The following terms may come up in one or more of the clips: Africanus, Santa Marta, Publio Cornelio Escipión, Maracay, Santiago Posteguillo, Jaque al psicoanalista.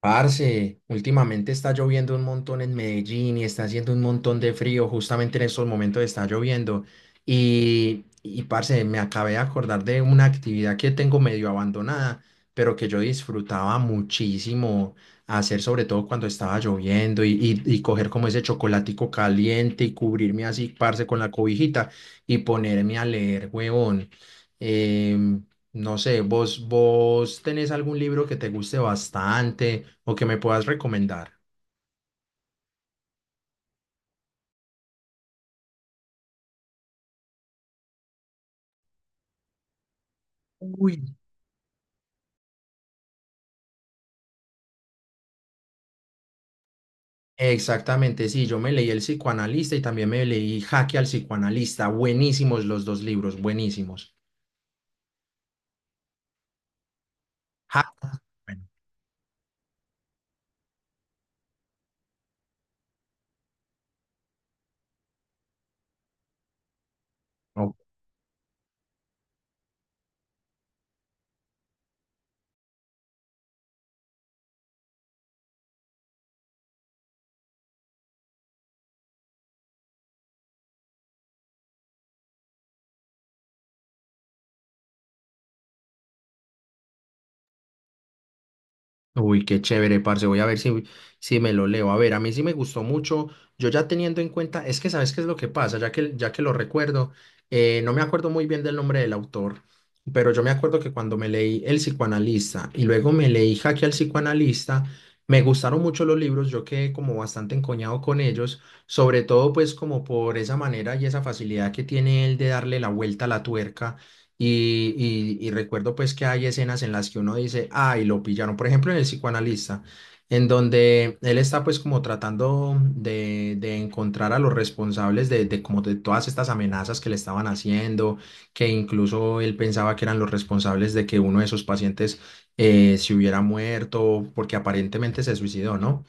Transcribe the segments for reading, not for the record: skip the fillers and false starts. Parce, últimamente está lloviendo un montón en Medellín y está haciendo un montón de frío, justamente en estos momentos está lloviendo. Y parce, me acabé de acordar de una actividad que tengo medio abandonada, pero que yo disfrutaba muchísimo hacer, sobre todo cuando estaba lloviendo y coger como ese chocolatico caliente y cubrirme así, parce, con la cobijita y ponerme a leer, huevón. Em, no sé, vos tenés algún libro que te guste bastante o que me puedas recomendar. Uy, exactamente, sí, yo me leí El psicoanalista y también me leí Jaque al psicoanalista. Buenísimos los dos libros, buenísimos. Ja- bueno, ok. Uy, qué chévere, parce. Voy a ver si me lo leo. A ver, a mí sí me gustó mucho. Yo ya teniendo en cuenta, es que sabes qué es lo que pasa, ya que lo recuerdo. No me acuerdo muy bien del nombre del autor, pero yo me acuerdo que cuando me leí El psicoanalista y luego me leí Jaque al psicoanalista, me gustaron mucho los libros. Yo quedé como bastante encoñado con ellos, sobre todo pues como por esa manera y esa facilidad que tiene él de darle la vuelta a la tuerca, y recuerdo pues que hay escenas en las que uno dice, ay, lo pillaron. Por ejemplo, en el psicoanalista, en donde él está pues como tratando de encontrar a los responsables de como de todas estas amenazas que le estaban haciendo, que incluso él pensaba que eran los responsables de que uno de sus pacientes se hubiera muerto porque aparentemente se suicidó, ¿no?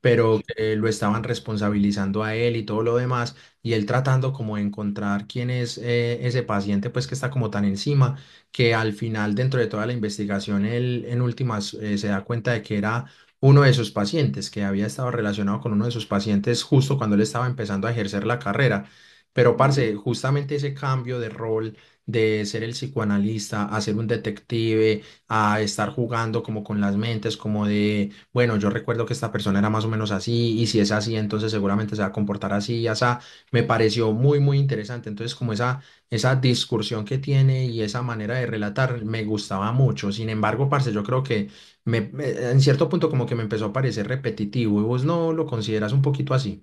Pero que lo estaban responsabilizando a él y todo lo demás, y él tratando como de encontrar quién es, ese paciente, pues que está como tan encima, que al final, dentro de toda la investigación, él en últimas se da cuenta de que era uno de sus pacientes, que había estado relacionado con uno de sus pacientes justo cuando él estaba empezando a ejercer la carrera. Pero, parce, justamente ese cambio de rol, de ser el psicoanalista a ser un detective, a estar jugando como con las mentes, como de, bueno, yo recuerdo que esta persona era más o menos así, y si es así, entonces seguramente se va a comportar así y así. Me pareció muy, muy interesante. Entonces, como esa discursión que tiene y esa manera de relatar me gustaba mucho. Sin embargo, parce, yo creo que en cierto punto como que me empezó a parecer repetitivo, y vos no lo consideras un poquito así.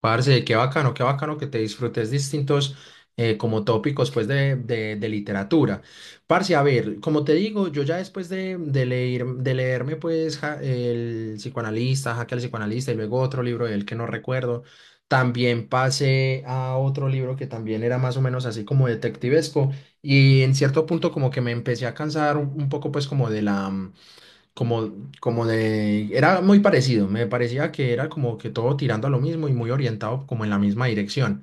Parce, qué bacano que te disfrutes distintos, como tópicos pues de literatura. Parce, a ver, como te digo, yo ya después de leer, de leerme pues el psicoanalista, Jaque al psicoanalista y luego otro libro de él que no recuerdo, también pasé a otro libro que también era más o menos así como detectivesco, y en cierto punto como que me empecé a cansar un poco pues como de la, como, como de, era muy parecido, me parecía que era como que todo tirando a lo mismo y muy orientado como en la misma dirección.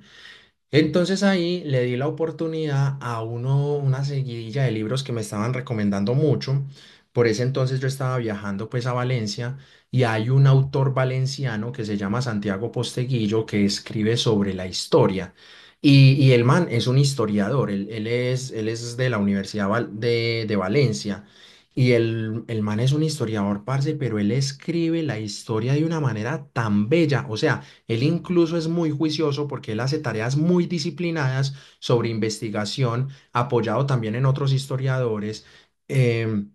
Entonces ahí le di la oportunidad a uno, una seguidilla de libros que me estaban recomendando mucho. Por ese entonces yo estaba viajando pues a Valencia, y hay un autor valenciano que se llama Santiago Posteguillo, que escribe sobre la historia. Y el man es un historiador, él es de la Universidad de Valencia. Y el man es un historiador, parce, pero él escribe la historia de una manera tan bella. O sea, él incluso es muy juicioso porque él hace tareas muy disciplinadas sobre investigación, apoyado también en otros historiadores. em,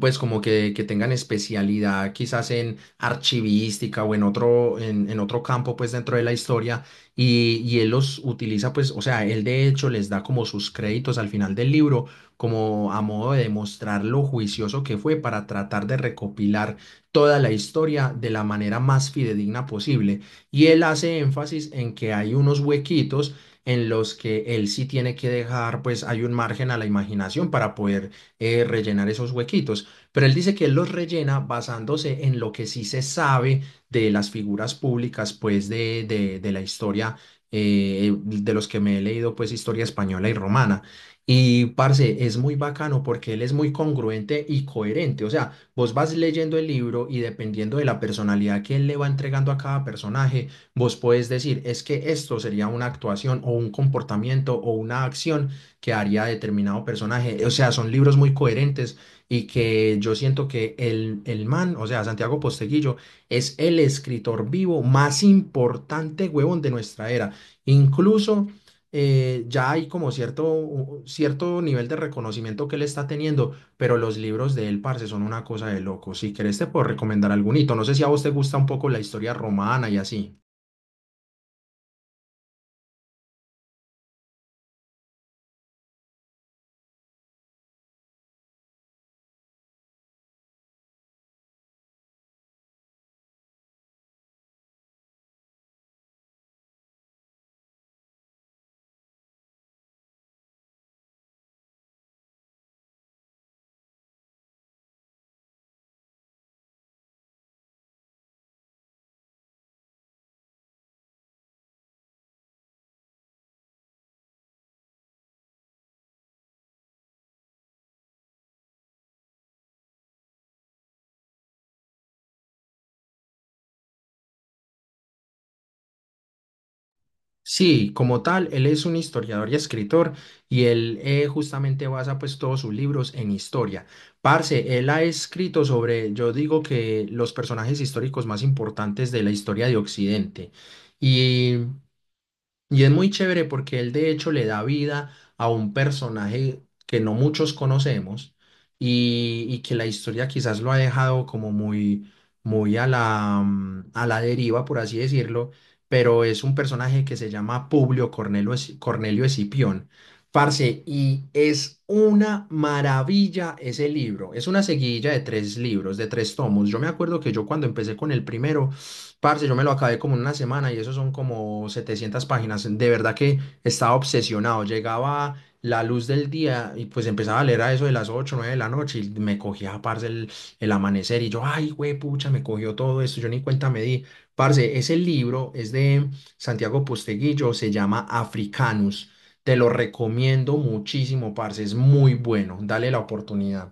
pues como que tengan especialidad quizás en archivística o en otro, en otro campo pues dentro de la historia, y él los utiliza pues, o sea, él de hecho les da como sus créditos al final del libro, como a modo de demostrar lo juicioso que fue para tratar de recopilar toda la historia de la manera más fidedigna posible. Y él hace énfasis en que hay unos huequitos en los que él sí tiene que dejar, pues hay un margen a la imaginación para poder, rellenar esos huequitos. Pero él dice que él los rellena basándose en lo que sí se sabe de las figuras públicas, pues de la historia, de los que me he leído, pues historia española y romana. Y parce, es muy bacano porque él es muy congruente y coherente. O sea, vos vas leyendo el libro y, dependiendo de la personalidad que él le va entregando a cada personaje, vos podés decir, es que esto sería una actuación o un comportamiento o una acción que haría determinado personaje. O sea, son libros muy coherentes, y que yo siento que el man, o sea, Santiago Posteguillo, es el escritor vivo más importante, huevón, de nuestra era. Incluso, ya hay como cierto, cierto nivel de reconocimiento que él está teniendo, pero los libros de él, parce, son una cosa de loco. Si querés, te puedo recomendar algún hito. No sé si a vos te gusta un poco la historia romana y así. Sí, como tal, él es un historiador y escritor, y él, justamente basa pues todos sus libros en historia. Parce, él ha escrito sobre, yo digo que, los personajes históricos más importantes de la historia de Occidente. Y es muy chévere porque él de hecho le da vida a un personaje que no muchos conocemos, y que la historia quizás lo ha dejado como muy, muy a la, a la deriva, por así decirlo, pero es un personaje que se llama Publio Cornelio, Cornelio Escipión. Parce, y es una maravilla ese libro. Es una seguidilla de tres libros, de tres tomos. Yo me acuerdo que yo, cuando empecé con el primero, parce, yo me lo acabé como en una semana, y eso son como 700 páginas. De verdad que estaba obsesionado. Llegaba la luz del día y pues empezaba a leer a eso de las 8, 9 de la noche y me cogía, parce, el amanecer, y yo, ay, güey, pucha, me cogió todo esto. Yo ni cuenta me di. Parce, ese libro es de Santiago Posteguillo, se llama Africanus. Te lo recomiendo muchísimo, parce, es muy bueno. Dale la oportunidad.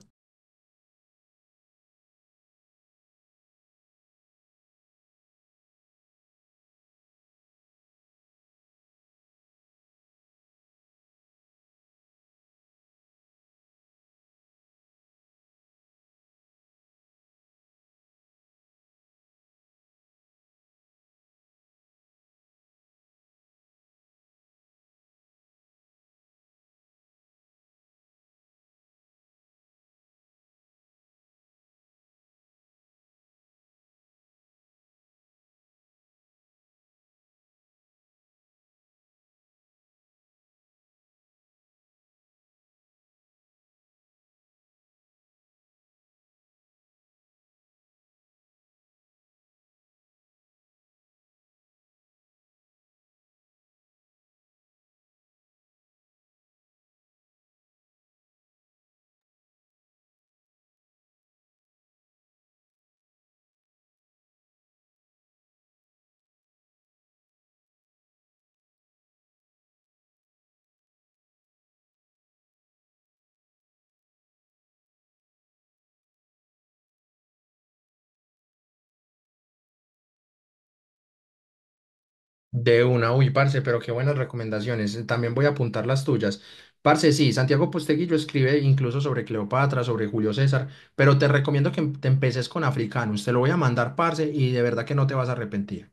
De una, uy, parce, pero qué buenas recomendaciones. También voy a apuntar las tuyas. Parce, sí, Santiago Posteguillo escribe incluso sobre Cleopatra, sobre Julio César, pero te recomiendo que, te empeces con Africanus. Te lo voy a mandar, parce, y de verdad que no te vas a arrepentir.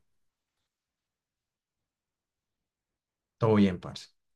Todo bien, parce.